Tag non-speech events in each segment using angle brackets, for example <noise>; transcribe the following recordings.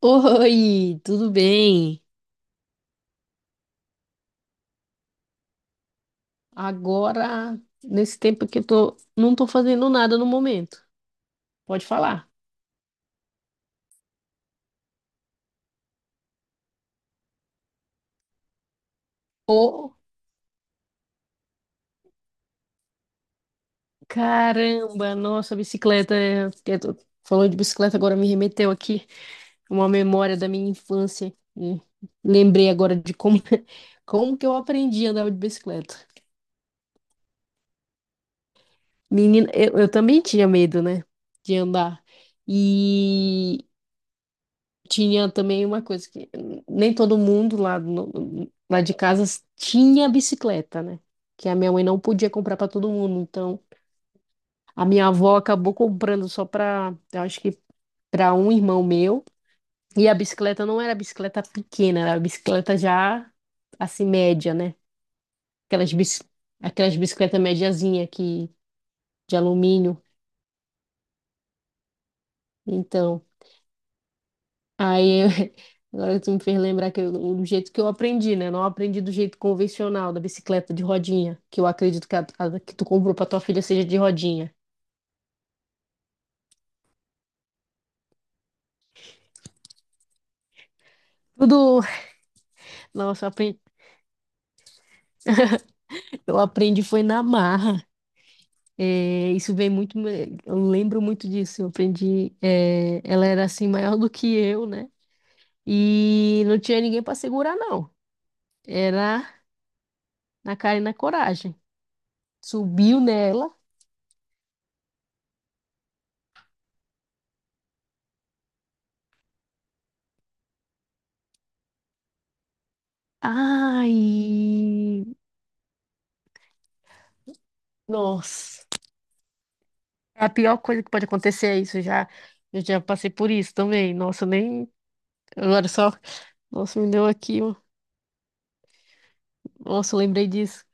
Oi, tudo bem? Agora, nesse tempo que eu tô, não tô fazendo nada no momento. Pode falar. Oh, caramba, nossa, bicicleta. Falou de bicicleta, agora me remeteu aqui uma memória da minha infância. Lembrei agora de como, <laughs> como que eu aprendi a andar de bicicleta. Menina, eu também tinha medo, né, de andar. Tinha também uma coisa que nem todo mundo lá, lá de casa tinha bicicleta, né? Que a minha mãe não podia comprar para todo mundo. Então, a minha avó acabou comprando só para, eu acho que para um irmão meu. E a bicicleta não era bicicleta pequena, era bicicleta já assim média, né? Aquelas, aquelas bicicletas mediazinha que de alumínio. Então, Aí, eu- <laughs> agora tu me fez lembrar que eu, do jeito que eu aprendi, né? Não aprendi do jeito convencional da bicicleta de rodinha, que eu acredito que a que tu comprou pra tua filha seja de rodinha. Tudo, nossa, eu aprendi foi na marra. É, isso vem muito, eu lembro muito disso. Eu aprendi, é, ela era assim maior do que eu, né? E não tinha ninguém pra segurar, não. Era na cara e na coragem. Subiu nela. Ai, nossa. É a pior coisa que pode acontecer é isso, já. Eu já passei por isso também. Nossa, eu nem. Agora só. Nossa, me deu aqui. Ó. Nossa, eu lembrei disso.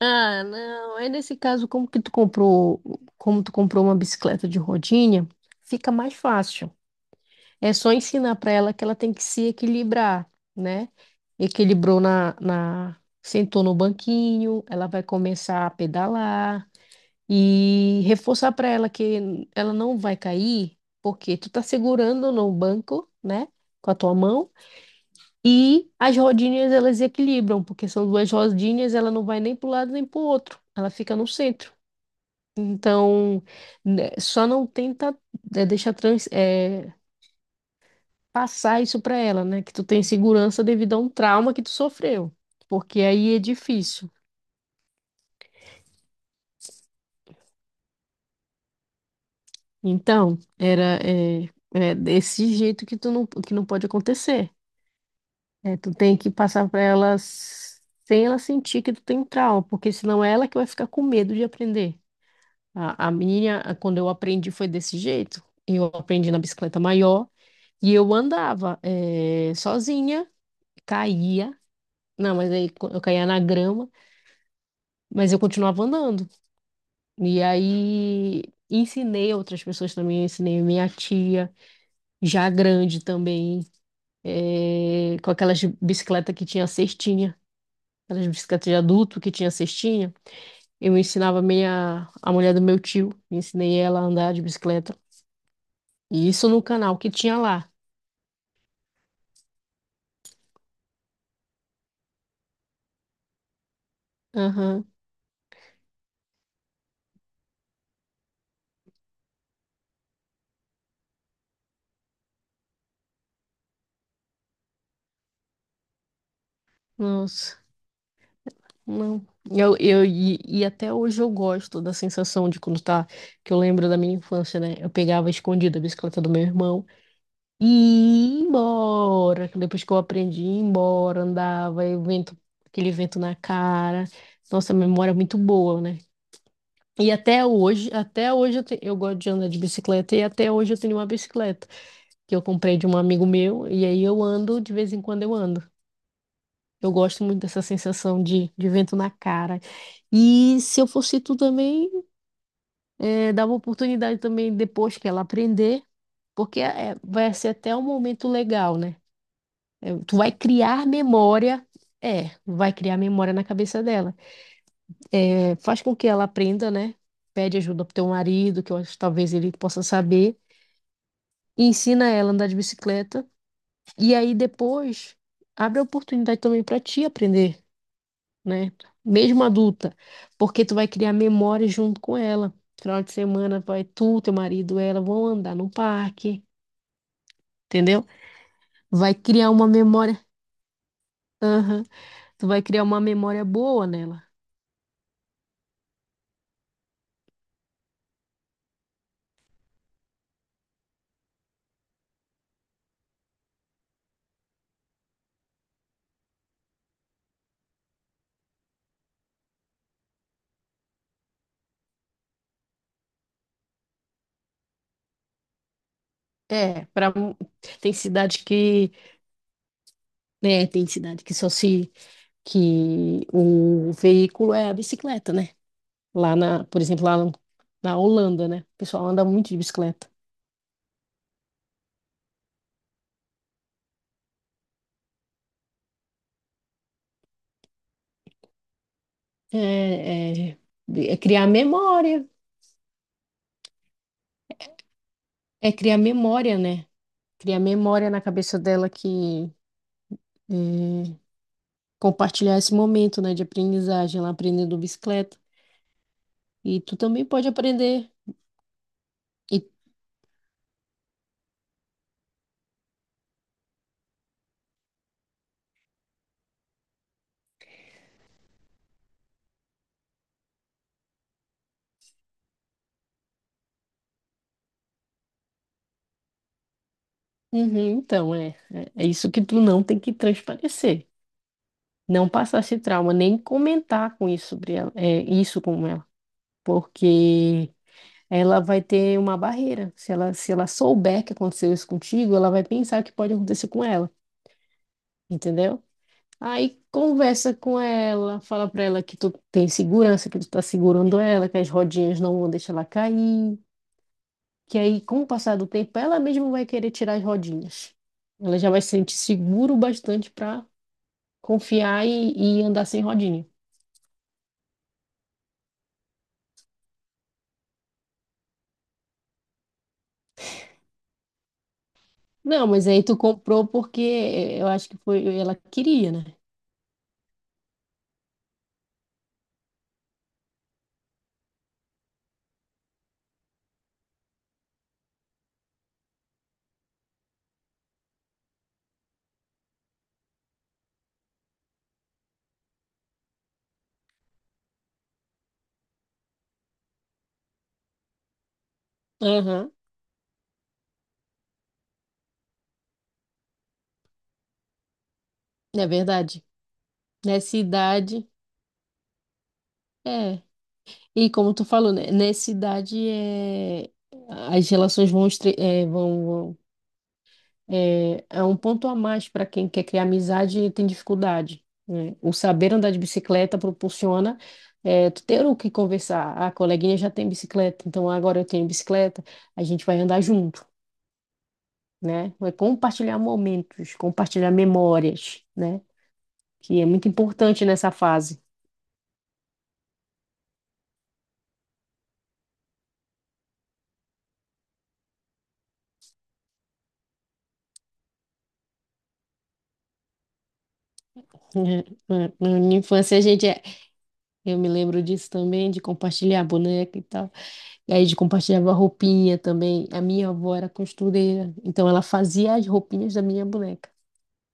Ah, não. É nesse caso, como que tu comprou. Como tu comprou uma bicicleta de rodinha, fica mais fácil. É só ensinar para ela que ela tem que se equilibrar, né? Equilibrou Sentou no banquinho, ela vai começar a pedalar. E reforçar para ela que ela não vai cair, porque tu tá segurando no banco, né, com a tua mão, e as rodinhas elas equilibram, porque são duas rodinhas, ela não vai nem para um lado nem para o outro, ela fica no centro. Então, né, só não tenta deixar passar isso para ela, né, que tu tem segurança devido a um trauma que tu sofreu, porque aí é difícil. Então, é desse jeito que tu não, que não pode acontecer. É, tu tem que passar para ela sem ela sentir que tu tem trauma, porque senão é ela que vai ficar com medo de aprender. Quando eu aprendi, foi desse jeito. Eu aprendi na bicicleta maior e eu andava sozinha, caía. Não, mas eu caía na grama, mas eu continuava andando. E aí ensinei outras pessoas também, ensinei minha tia, já grande também, com aquelas bicicletas que tinha cestinha. Aquelas bicicletas de adulto que tinha cestinha. Eu ensinava meia a mulher do meu tio, ensinei ela a andar de bicicleta. E isso no canal que tinha lá. Aham, nossa, não. E até hoje eu gosto da sensação de quando tá, que eu lembro da minha infância, né? Eu pegava escondida a bicicleta do meu irmão e ia embora. Que depois que eu aprendi, ia embora, andava, e o vento, aquele vento na cara. Nossa, a memória é muito boa, né? E até hoje eu gosto de andar de bicicleta e até hoje eu tenho uma bicicleta que eu comprei de um amigo meu e aí eu ando, de vez em quando eu ando. Eu gosto muito dessa sensação de vento na cara. E se eu fosse tu também, dava oportunidade também depois que ela aprender, porque vai ser até um momento legal, né? Tu vai criar memória, é, vai criar memória na cabeça dela. Faz com que ela aprenda, né? Pede ajuda pro teu marido, que eu acho que talvez ele possa saber. E ensina ela a andar de bicicleta. E aí depois abre a oportunidade também para ti aprender, né? Mesmo adulta, porque tu vai criar memórias junto com ela. Final de semana vai tu, teu marido, ela vão andar no parque, entendeu? Vai criar uma memória, aham, tu vai criar uma memória boa nela. É, para tem cidade que, né, tem cidade que só se que o veículo é a bicicleta, né? Lá na, por exemplo, lá no- na Holanda, né? O pessoal anda muito de bicicleta. É, é- é criar memória. É criar memória, né? Criar memória na cabeça dela que é, compartilhar esse momento, né, de aprendizagem, ela aprendendo bicicleta. E tu também pode aprender. E, Uhum, então, é isso que tu não tem que transparecer. Não passar esse trauma, nem comentar com isso sobre ela, é, isso com ela. Porque ela vai ter uma barreira. Se ela, se ela souber que aconteceu isso contigo, ela vai pensar que pode acontecer com ela, entendeu? Aí conversa com ela, fala pra ela que tu tem segurança, que tu tá segurando ela, que as rodinhas não vão deixar ela cair, que aí com o passar do tempo ela mesma vai querer tirar as rodinhas. Ela já vai se sentir seguro o bastante pra confiar e andar sem rodinha. Não, mas aí tu comprou porque eu acho que foi ela queria, né? Aham, é verdade. Nessa idade é, e como tu falou, né, nessa idade é, as relações vão, vão- é, é um ponto a mais para quem quer criar amizade e tem dificuldade, né? O saber andar de bicicleta proporciona é, tu ter o que conversar. Ah, a coleguinha já tem bicicleta, então agora eu tenho bicicleta, a gente vai andar junto, né? É compartilhar momentos, compartilhar memórias, né? Que é muito importante nessa fase. <laughs> Na na infância a gente é eu me lembro disso também, de compartilhar boneca e tal. E aí, de compartilhava roupinha também. A minha avó era costureira, então ela fazia as roupinhas da minha boneca.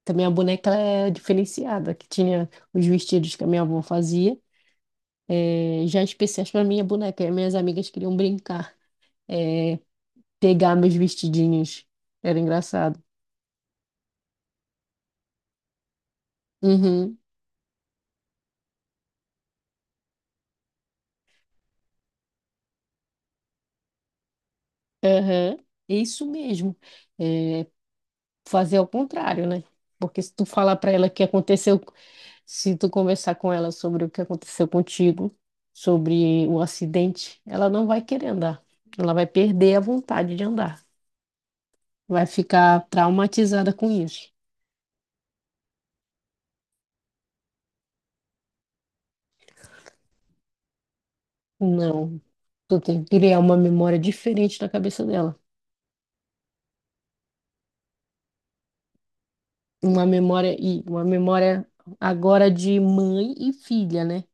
Também a boneca ela é diferenciada, que tinha os vestidos que a minha avó fazia, já especiais para minha boneca. E as minhas amigas queriam brincar, eh, pegar meus vestidinhos. Era engraçado. Uhum, aham, é isso mesmo. É, fazer ao contrário, né? Porque se tu falar para ela que aconteceu, se tu conversar com ela sobre o que aconteceu contigo, sobre o acidente, ela não vai querer andar. Ela vai perder a vontade de andar. Vai ficar traumatizada com isso. Não. Tu tem que criar uma memória diferente na cabeça dela. Uma memória e uma memória agora de mãe e filha, né?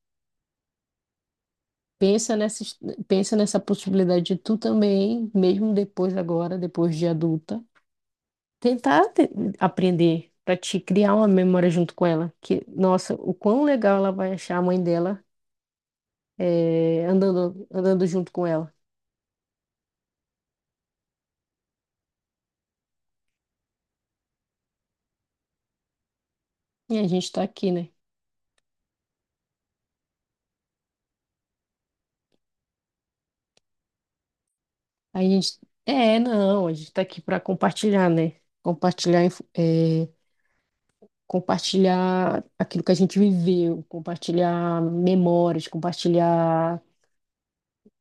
Pensa nessa, pensa nessa possibilidade de tu também, mesmo depois agora, depois de adulta, tentar te- aprender para te criar uma memória junto com ela. Que, nossa, o quão legal ela vai achar a mãe dela andando, andando junto com ela. E a gente tá aqui, né? A gente. É, não, a gente tá aqui para compartilhar, né? Compartilhar, compartilhar aquilo que a gente viveu, compartilhar memórias, compartilhar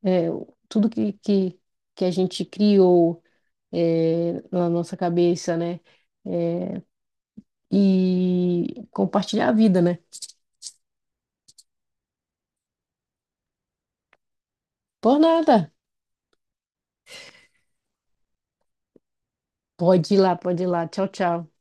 eh, tudo que a gente criou na nossa cabeça, né? Eh, e compartilhar a vida, né? Por nada. Pode ir lá, pode ir lá. Tchau, tchau.